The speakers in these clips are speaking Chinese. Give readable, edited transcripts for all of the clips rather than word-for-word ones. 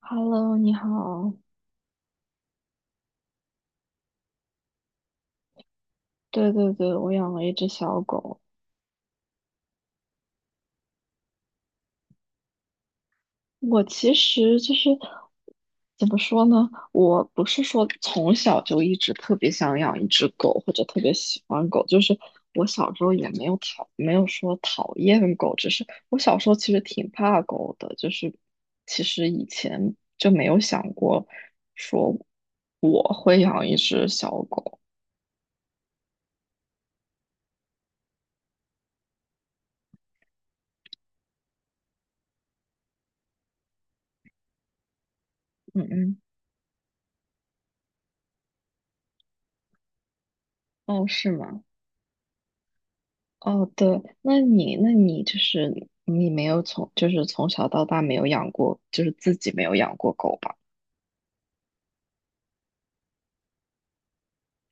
Hello，你好。对对对，我养了一只小狗。我其实就是怎么说呢？我不是说从小就一直特别想养一只狗，或者特别喜欢狗。就是我小时候也没有说讨厌狗，只是我小时候其实挺怕狗的。就是其实以前就没有想过说我会养一只小狗。嗯嗯。哦，是吗？哦，对，那你就是你没有从，就是从小到大没有养过，就是自己没有养过狗吧？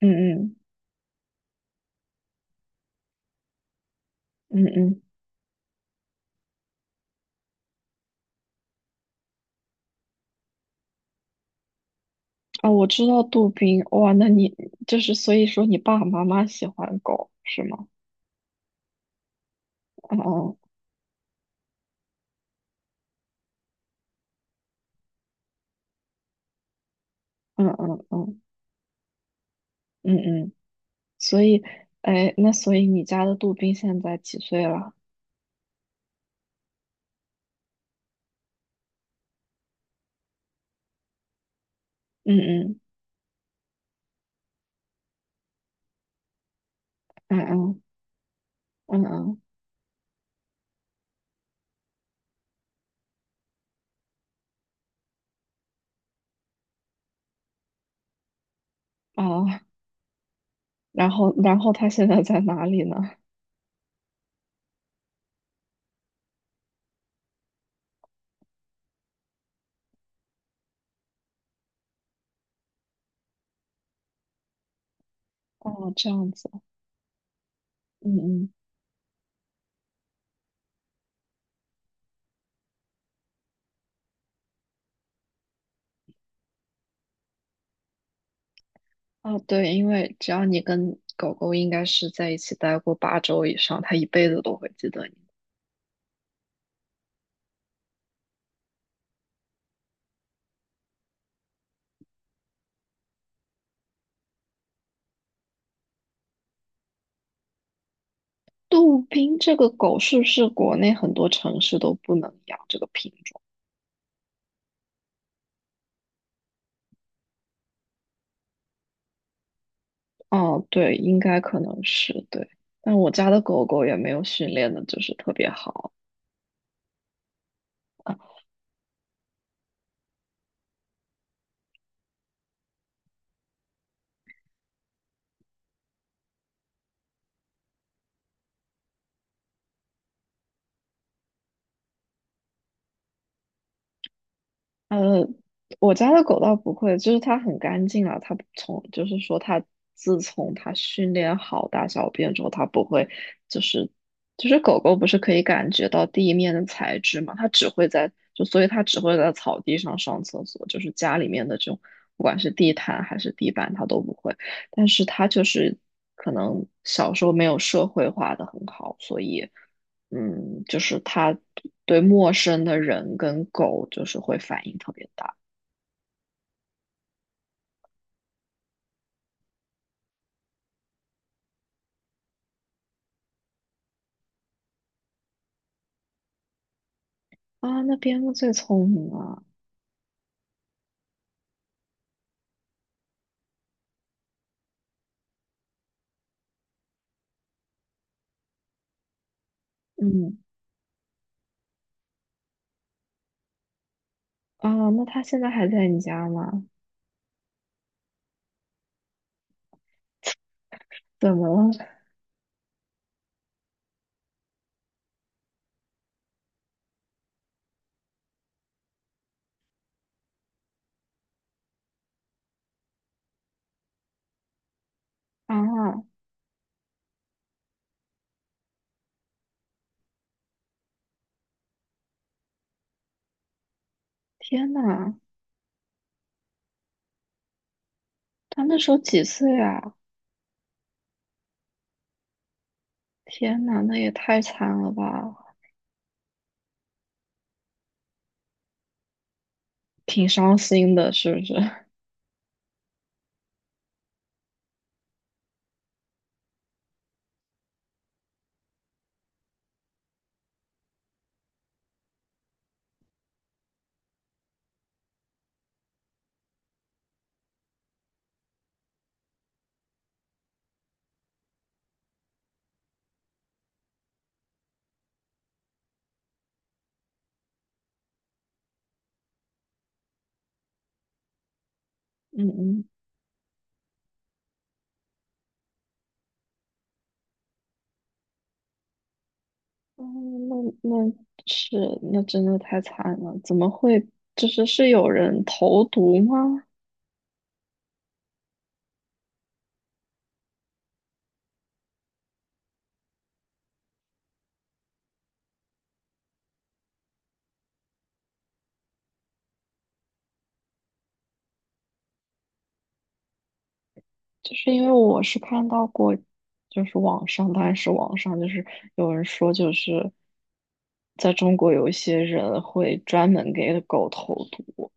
嗯嗯。嗯嗯，啊，我知道杜宾。哇，那你就是所以说你爸爸妈妈喜欢狗是吗？哦。嗯嗯嗯。嗯嗯，所以，哎，那所以你家的杜宾现在几岁了？嗯嗯嗯。嗯嗯嗯。哦，然后他现在在哪里呢？哦，这样子。嗯嗯。哦，对，因为只要你跟狗狗应该是在一起待过8周以上，它一辈子都会记得你。杜宾这个狗是不是国内很多城市都不能养这个品种？哦，对，应该可能是对。但我家的狗狗也没有训练的，就是特别好。呃，我家的狗倒不会，就是它很干净啊，它不从就是说它自从它训练好大小便之后，它不会就是就是狗狗不是可以感觉到地面的材质嘛，它只会在就所以它只会在草地上上厕所，就是家里面的这种不管是地毯还是地板它都不会，但是它就是可能小时候没有社会化的很好，所以。嗯，就是它对陌生的人跟狗就是会反应特别大啊。那边牧最聪明了。嗯。啊，那它现在还在你家吗？怎么了？啊。天呐，它那时候几岁啊？天呐，那也太惨了吧。挺伤心的，是不是？嗯嗯。哦，那那是那真的太惨了，怎么会？就是是有人投毒吗？就是因为我是看到过，就是网上，当然是网上，就是有人说，就是在中国有一些人会专门给狗投毒，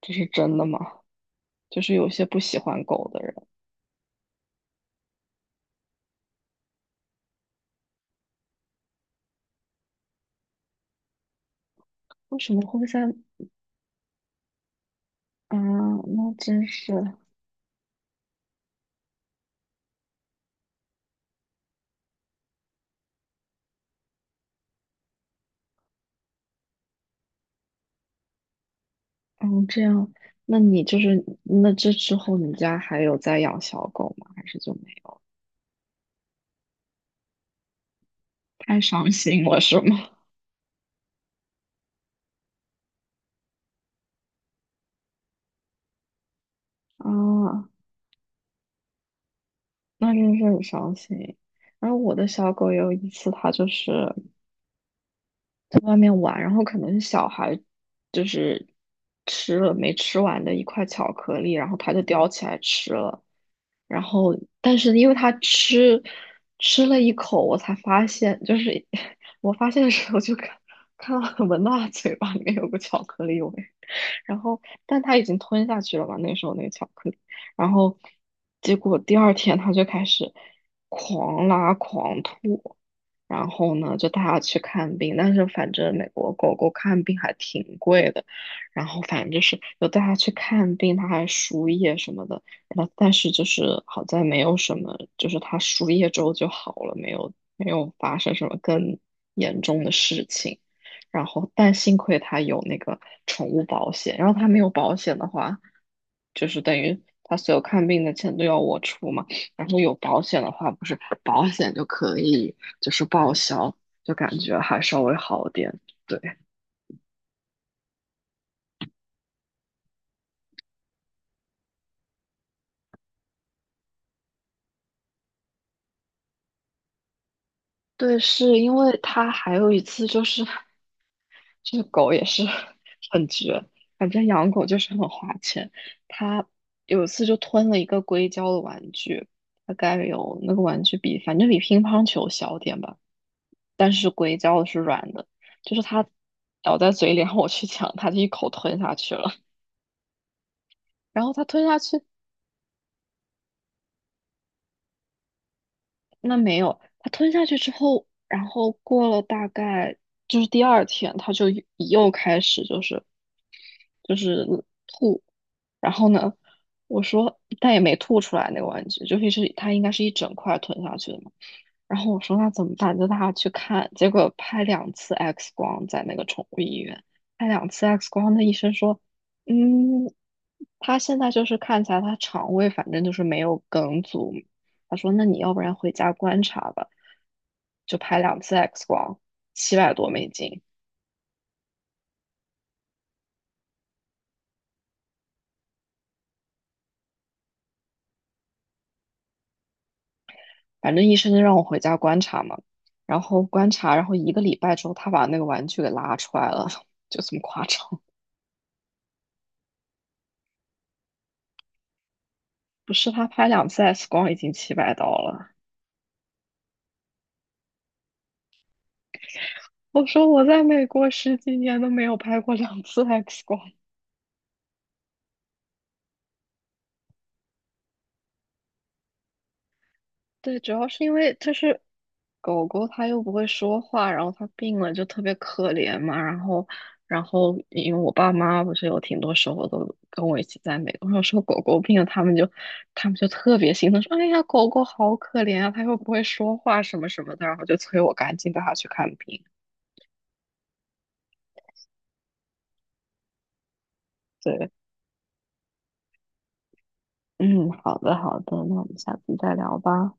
这是真的吗？就是有些不喜欢狗的人，为什么会在啊？那真是。嗯，这样。那你就是那这之后，你家还有在养小狗吗？还是就没有？太伤心了，是吗？啊，那真是很伤心。然后我的小狗有一次，它就是外面玩，然后可能小孩就是吃了没吃完的一块巧克力，然后他就叼起来吃了，然后但是因为他吃了一口，我才发现，就是 我发现的时候就看到我闻到他嘴巴里面有个巧克力味，然后但他已经吞下去了嘛，那时候那个巧克力。然后结果第二天他就开始狂拉狂吐，然后呢就带他去看病，但是反正美国狗狗看病还挺贵的，然后反正就是又带他去看病，他还输液什么的，然后但是就是好在没有什么，就是他输液之后就好了，没有发生什么更严重的事情。然后但幸亏他有那个宠物保险，然后他没有保险的话，就是等于他所有看病的钱都要我出嘛，然后有保险的话，不是保险就可以就是报销，就感觉还稍微好点。对。对，是因为他还有一次就是，这个狗也是 很绝，反正养狗就是很花钱。他有一次就吞了一个硅胶的玩具，大概有那个玩具比反正比乒乓球小点吧，但是硅胶的是软的，就是它咬在嘴里，然后我去抢它，就一口吞下去了。然后它吞下去。那没有，他吞下去之后，然后过了大概就是第二天，他就又开始就是吐。然后呢，我说但也没吐出来那个玩具，就是他应该是一整块吞下去的嘛。然后我说那怎么办？就带他去看，结果拍两次 X 光在那个宠物医院，拍两次 X 光，那医生说，嗯，他现在就是看起来他肠胃反正就是没有梗阻，他说那你要不然回家观察吧，就拍两次 X 光，700多美金。反正医生就让我回家观察嘛，然后观察，然后一个礼拜之后，他把那个玩具给拉出来了，就这么夸张。不是他拍两次 X 光已经700刀了，我说我在美国十几年都没有拍过两次 X 光。对，主要是因为就是狗狗它又不会说话，然后它病了就特别可怜嘛。然后，然后因为我爸妈不是有挺多时候都跟我一起在美国，有时候狗狗病了，他们就他们就特别心疼，说："哎呀，狗狗好可怜啊，它又不会说话什么什么的。"然后就催我赶紧带它去看病。对。嗯，好的好的，那我们下次再聊吧。